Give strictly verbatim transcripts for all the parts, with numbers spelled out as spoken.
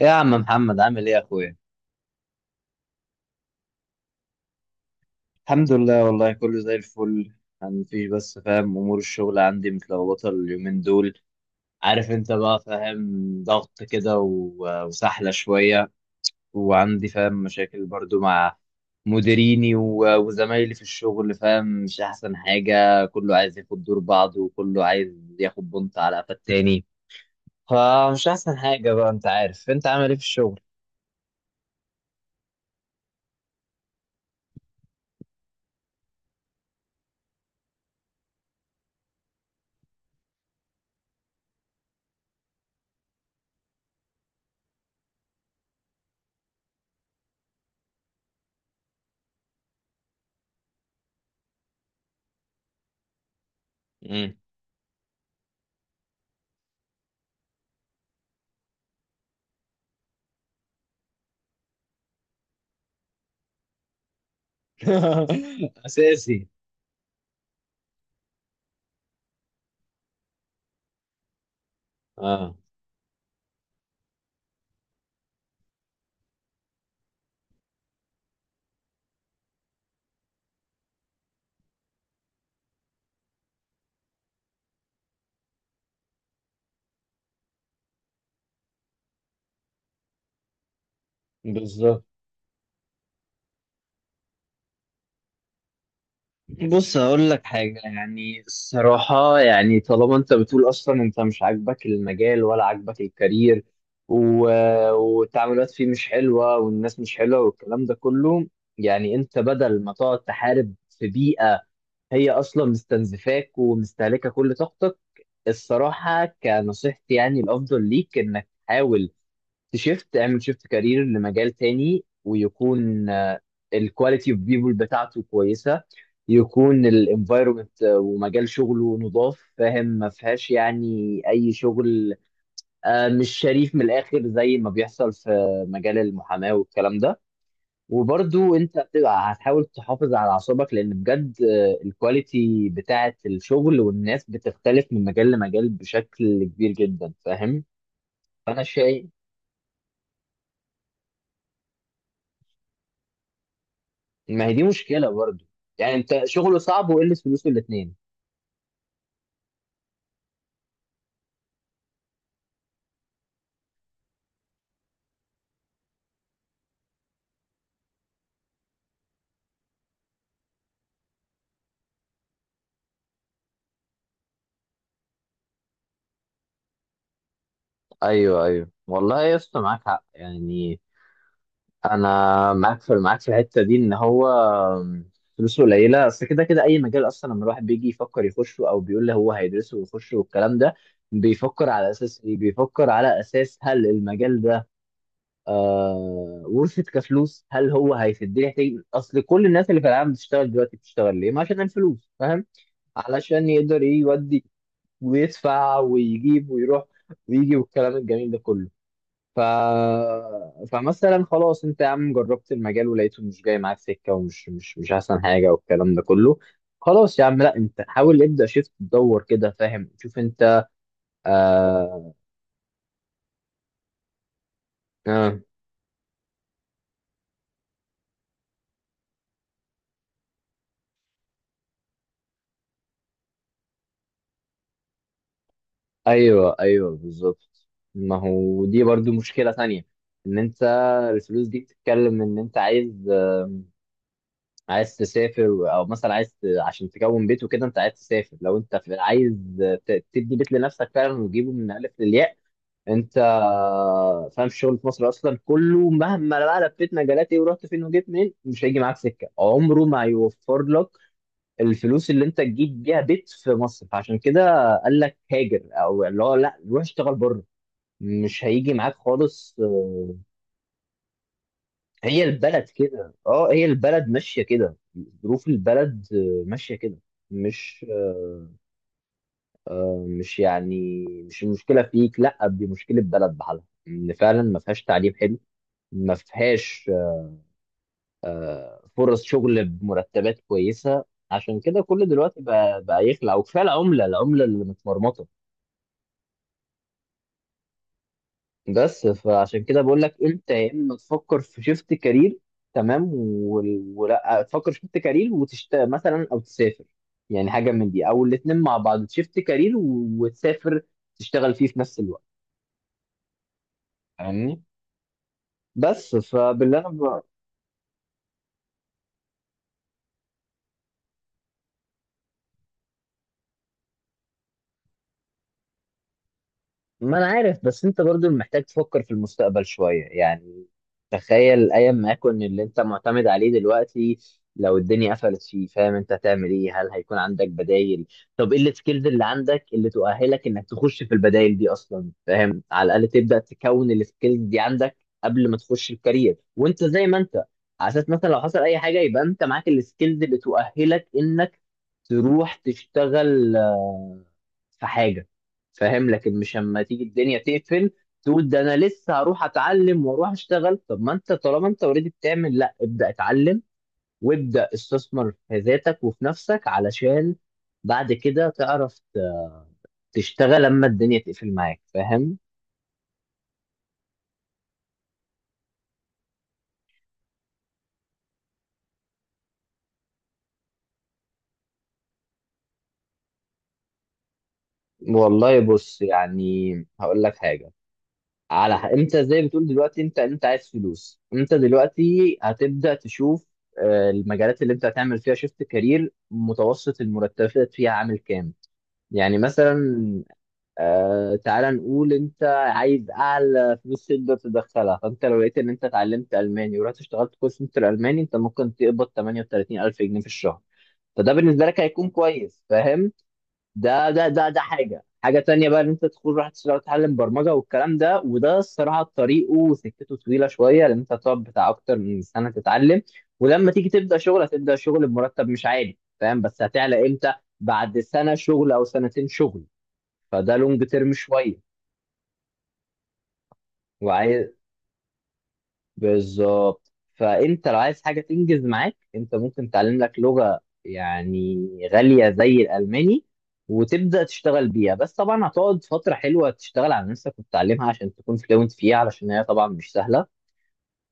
إيه يا عم محمد عامل ايه يا اخويا؟ الحمد لله، والله كله زي الفل. يعني مفيش، بس فاهم، امور الشغل عندي متلخبطه اليومين دول. عارف انت بقى، فاهم، ضغط كده و- وسحله شويه. وعندي فاهم مشاكل برضو مع مديريني و- وزمايلي في الشغل، فاهم؟ مش احسن حاجه، كله عايز ياخد دور بعضه وكله عايز ياخد بنط على قفا التاني. فمش احسن حاجه بقى. انت عارف، انت عامل ايه في الشغل؟ مم. اساسي. اه بالظبط. بص هقول لك حاجة، يعني الصراحة، يعني طالما انت بتقول اصلا انت مش عاجبك المجال ولا عاجبك الكارير و... والتعاملات فيه مش حلوة والناس مش حلوة والكلام ده كله. يعني انت بدل ما تقعد تحارب في بيئة هي اصلا مستنزفاك ومستهلكة كل طاقتك، الصراحة كنصيحتي يعني الافضل ليك انك تحاول تشيفت، اعمل شيفت كارير لمجال تاني، ويكون الكواليتي اوف بيبول بتاعته كويسه، يكون الانفايرمنت ومجال شغله نضاف، فاهم؟ ما فيهاش يعني اي شغل آه، مش شريف من الاخر زي ما بيحصل في مجال المحاماه والكلام ده. وبرضو انت هتبقى هتحاول تحافظ على اعصابك، لان بجد آه، الكواليتي بتاعه الشغل والناس بتختلف من مجال لمجال بشكل كبير جدا، فاهم؟ فانا شايف، ما هي دي مشكله برضه. يعني انت شغله صعب وقلة فلوسه، الاثنين. ايوه ايوه، والله يا اسطى معاك حق، يعني انا معاك في، معاك في الحته دي، ان هو فلوسه قليله. بس كده كده اي مجال اصلا لما الواحد بيجي يفكر يخشه او بيقول لي هو هيدرسه ويخشه والكلام ده، بيفكر على اساس ايه؟ بيفكر على اساس هل المجال ده آه ورثة كفلوس، هل هو هيفيدني؟ يحتاج، اصل كل الناس اللي في العالم بتشتغل دلوقتي بتشتغل ليه؟ ما عشان الفلوس، فاهم؟ علشان يقدر ايه، يودي ويدفع ويجيب ويروح ويجي والكلام الجميل ده كله. ف... فمثلا خلاص، انت يا عم جربت المجال ولقيته مش جاي معاك سكه، ومش مش مش احسن حاجه، والكلام ده كله. خلاص يا عم، لا انت حاول، ابدا شفت، تدور كده، فاهم؟ شوف انت. آه... آه... ايوه ايوه بالظبط. ما هو دي برضو مشكله ثانيه، ان انت الفلوس دي بتتكلم، ان انت عايز، عايز تسافر، او مثلا عايز ت- عشان تكون بيت وكده، انت عايز تسافر، لو انت في- عايز ت- تبني بيت لنفسك فعلا وتجيبه من الف للياء. انت فاهم الشغل في مصر اصلا كله، مهما بقى لفيت مجالات ايه ورحت فين وجيت منين، مش هيجي معاك سكه، عمره ما هيوفر لك الفلوس اللي انت تجيب بيها بيت في مصر. فعشان كده قال لك هاجر، او اللي هو لا روح اشتغل بره، مش هيجي معاك خالص آه، هي البلد كده، اه هي البلد ماشية كده، ظروف البلد آه، ماشية كده. مش مش يعني مش المشكله فيك، لا دي مشكله بلد بحالها، ان فعلا ما فيهاش تعليم حلو، ما فيهاش آه، فرص شغل بمرتبات كويسه. عشان كده كل دلوقتي بقى بقى يخلع، وكفايه العمله، العمله اللي متمرمطه. بس فعشان كده بقول لك انت، يا اما تفكر في شيفت كارير، تمام، وال- ولا تفكر شيفت كارير وتشت مثلا او تسافر، يعني حاجه من دي، او الاثنين مع بعض، شيفت كارير و- وتسافر تشتغل فيه في نفس الوقت. فاهمني؟ بس فباللي انا ب... ما انا عارف، بس انت برضو محتاج تفكر في المستقبل شوية، يعني تخيل ايام ما يكون اللي انت معتمد عليه دلوقتي لو الدنيا قفلت فيه، فاهم؟ انت هتعمل ايه؟ هل هيكون عندك بدايل؟ طب ايه السكيلز اللي عندك اللي تؤهلك انك تخش في البدايل دي اصلا، فاهم؟ على الاقل تبدأ تكون السكيلز دي عندك قبل ما تخش الكارير وانت زي ما انت، على اساس مثلا لو حصل اي حاجة يبقى انت معاك السكيلز اللي تؤهلك انك تروح تشتغل آه، في حاجة، فاهم؟ لكن مش اما تيجي الدنيا تقفل تقول ده انا لسه هروح اتعلم واروح اشتغل. طب ما انت طالما انت اوريدي بتعمل، لا ابدا اتعلم وابدا استثمر في ذاتك وفي نفسك، علشان بعد كده تعرف ت- تشتغل لما الدنيا تقفل معاك، فاهم؟ والله بص، يعني هقول لك حاجة، على ح- انت زي بتقول دلوقتي انت، انت عايز فلوس، انت دلوقتي هتبدأ تشوف آه، المجالات اللي انت هتعمل فيها شيفت كارير، متوسط المرتبات فيها عامل كام. يعني مثلا آه تعالى نقول انت عايز اعلى فلوس تقدر تدخلها، فانت لو لقيت ان انت اتعلمت الماني ورحت اشتغلت كول سنتر الماني، انت ممكن تقبض ثمانية وتلاتين الف جنيه في الشهر، فده بالنسبه لك هيكون كويس، فاهم؟ ده ده ده ده حاجه، حاجه تانية بقى، ان انت تدخل راح تشتغل تتعلم برمجه والكلام ده، وده الصراحه طريقه وسكته طويله شويه، لان انت هتقعد بتاع اكتر من سنه تتعلم، ولما تيجي تبدا شغل هتبدا شغل بمرتب مش عالي، فاهم؟ بس هتعلى امتى؟ بعد سنه شغل او سنتين شغل، فده لونج تيرم شويه. وعايز، بالظبط، فانت لو عايز حاجه تنجز معاك، انت ممكن تعلم لك لغه يعني غاليه زي الالماني، وتبدا تشتغل بيها، بس طبعا هتقعد فتره حلوه تشتغل على نفسك وتتعلمها عشان تكون فلوينت فيها، علشان هي طبعا مش سهله.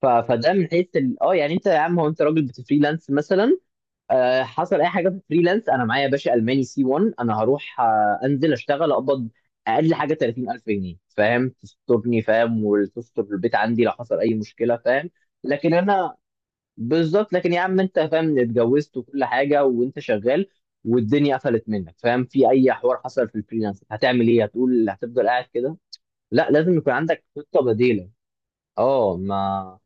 ف- فده من حيث ال- اه يعني انت يا عم، هو انت راجل بتفريلانس مثلا، آه، حصل اي حاجه في فريلانس، انا معايا يا باشا الماني سي واحد، انا هروح آه، انزل اشتغل اقبض اقل حاجه تلاتين الف جنيه، فاهم؟ تسترني، فاهم؟ وتستر البيت عندي لو حصل اي مشكله، فاهم؟ لكن انا، بالظبط، لكن يا عم انت فاهم، اتجوزت وكل حاجه وانت شغال والدنيا قفلت منك، فاهم؟ في اي حوار حصل في الفريلانس هتعمل ايه؟ هتقول هتفضل قاعد كده؟ لا لازم يكون عندك خطه بديله. اه ما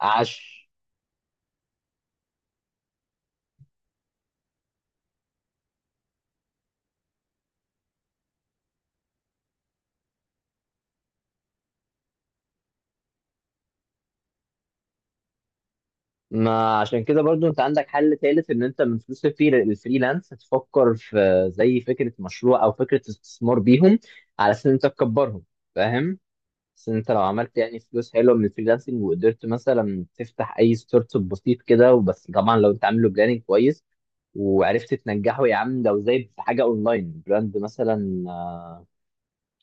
عش ما عشان كده برضو انت عندك حل تالت، ان انت من فلوس الفري- الفريلانس تفكر في زي فكرة مشروع او فكرة استثمار بيهم، على اساس ان انت تكبرهم، فاهم؟ بس انت لو عملت يعني فلوس حلوة من الفريلانسنج وقدرت مثلا تفتح اي ستارت اب بسيط كده وبس، طبعا لو انت عامله بلاننج كويس وعرفت تنجحه، يا عم لو زي في حاجة اونلاين براند مثلا، آه،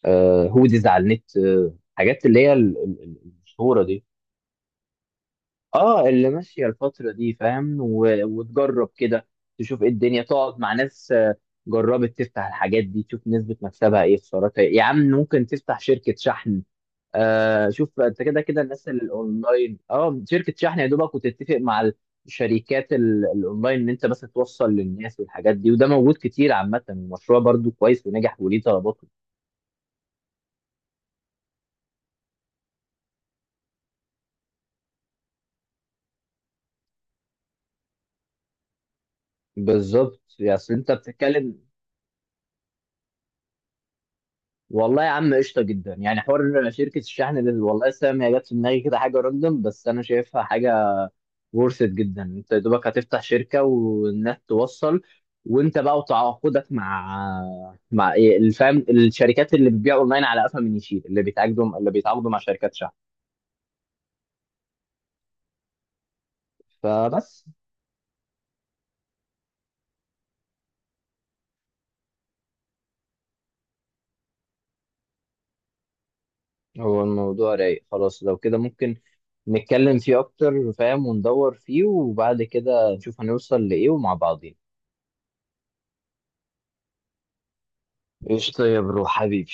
آه، هوديز على النت، آه، حاجات اللي هي ال- ال- ال- المشهورة دي، اه اللي ماشيه الفتره دي، فاهم؟ و... وتجرب كده، تشوف ايه الدنيا، تقعد مع ناس آه، جربت تفتح الحاجات دي تشوف نسبه مكسبها ايه، خسارتها ايه. يا عم ممكن تفتح شركه شحن، آه شوف انت، كده كده الناس اللي الاونلاين، اه شركه شحن يا دوبك، وتتفق مع الشركات ال- الاونلاين ان انت بس توصل للناس والحاجات دي، وده موجود كتير عامه، المشروع برضو كويس ونجح وليه طلباته. بالظبط، يعني اصل انت بتتكلم، والله يا عم قشطه جدا يعني، حوار شركه الشحن اللي والله سام هي جت في دماغي كده، حاجه راندوم، بس انا شايفها حاجه ورثت جدا. انت يا دوبك هتفتح شركه والناس توصل، وانت بقى وتعاقدك مع، مع إيه الفهم، الشركات اللي بتبيع اونلاين على قفا من يشيل، اللي بيتعاقدوا، اللي بيتعاقدوا مع شركات شحن، فبس. هو الموضوع رايق خلاص، لو كده ممكن نتكلم فيه اكتر، فاهم؟ وندور فيه وبعد كده نشوف هنوصل لايه ومع بعضين. قشطه يا برو حبيبي.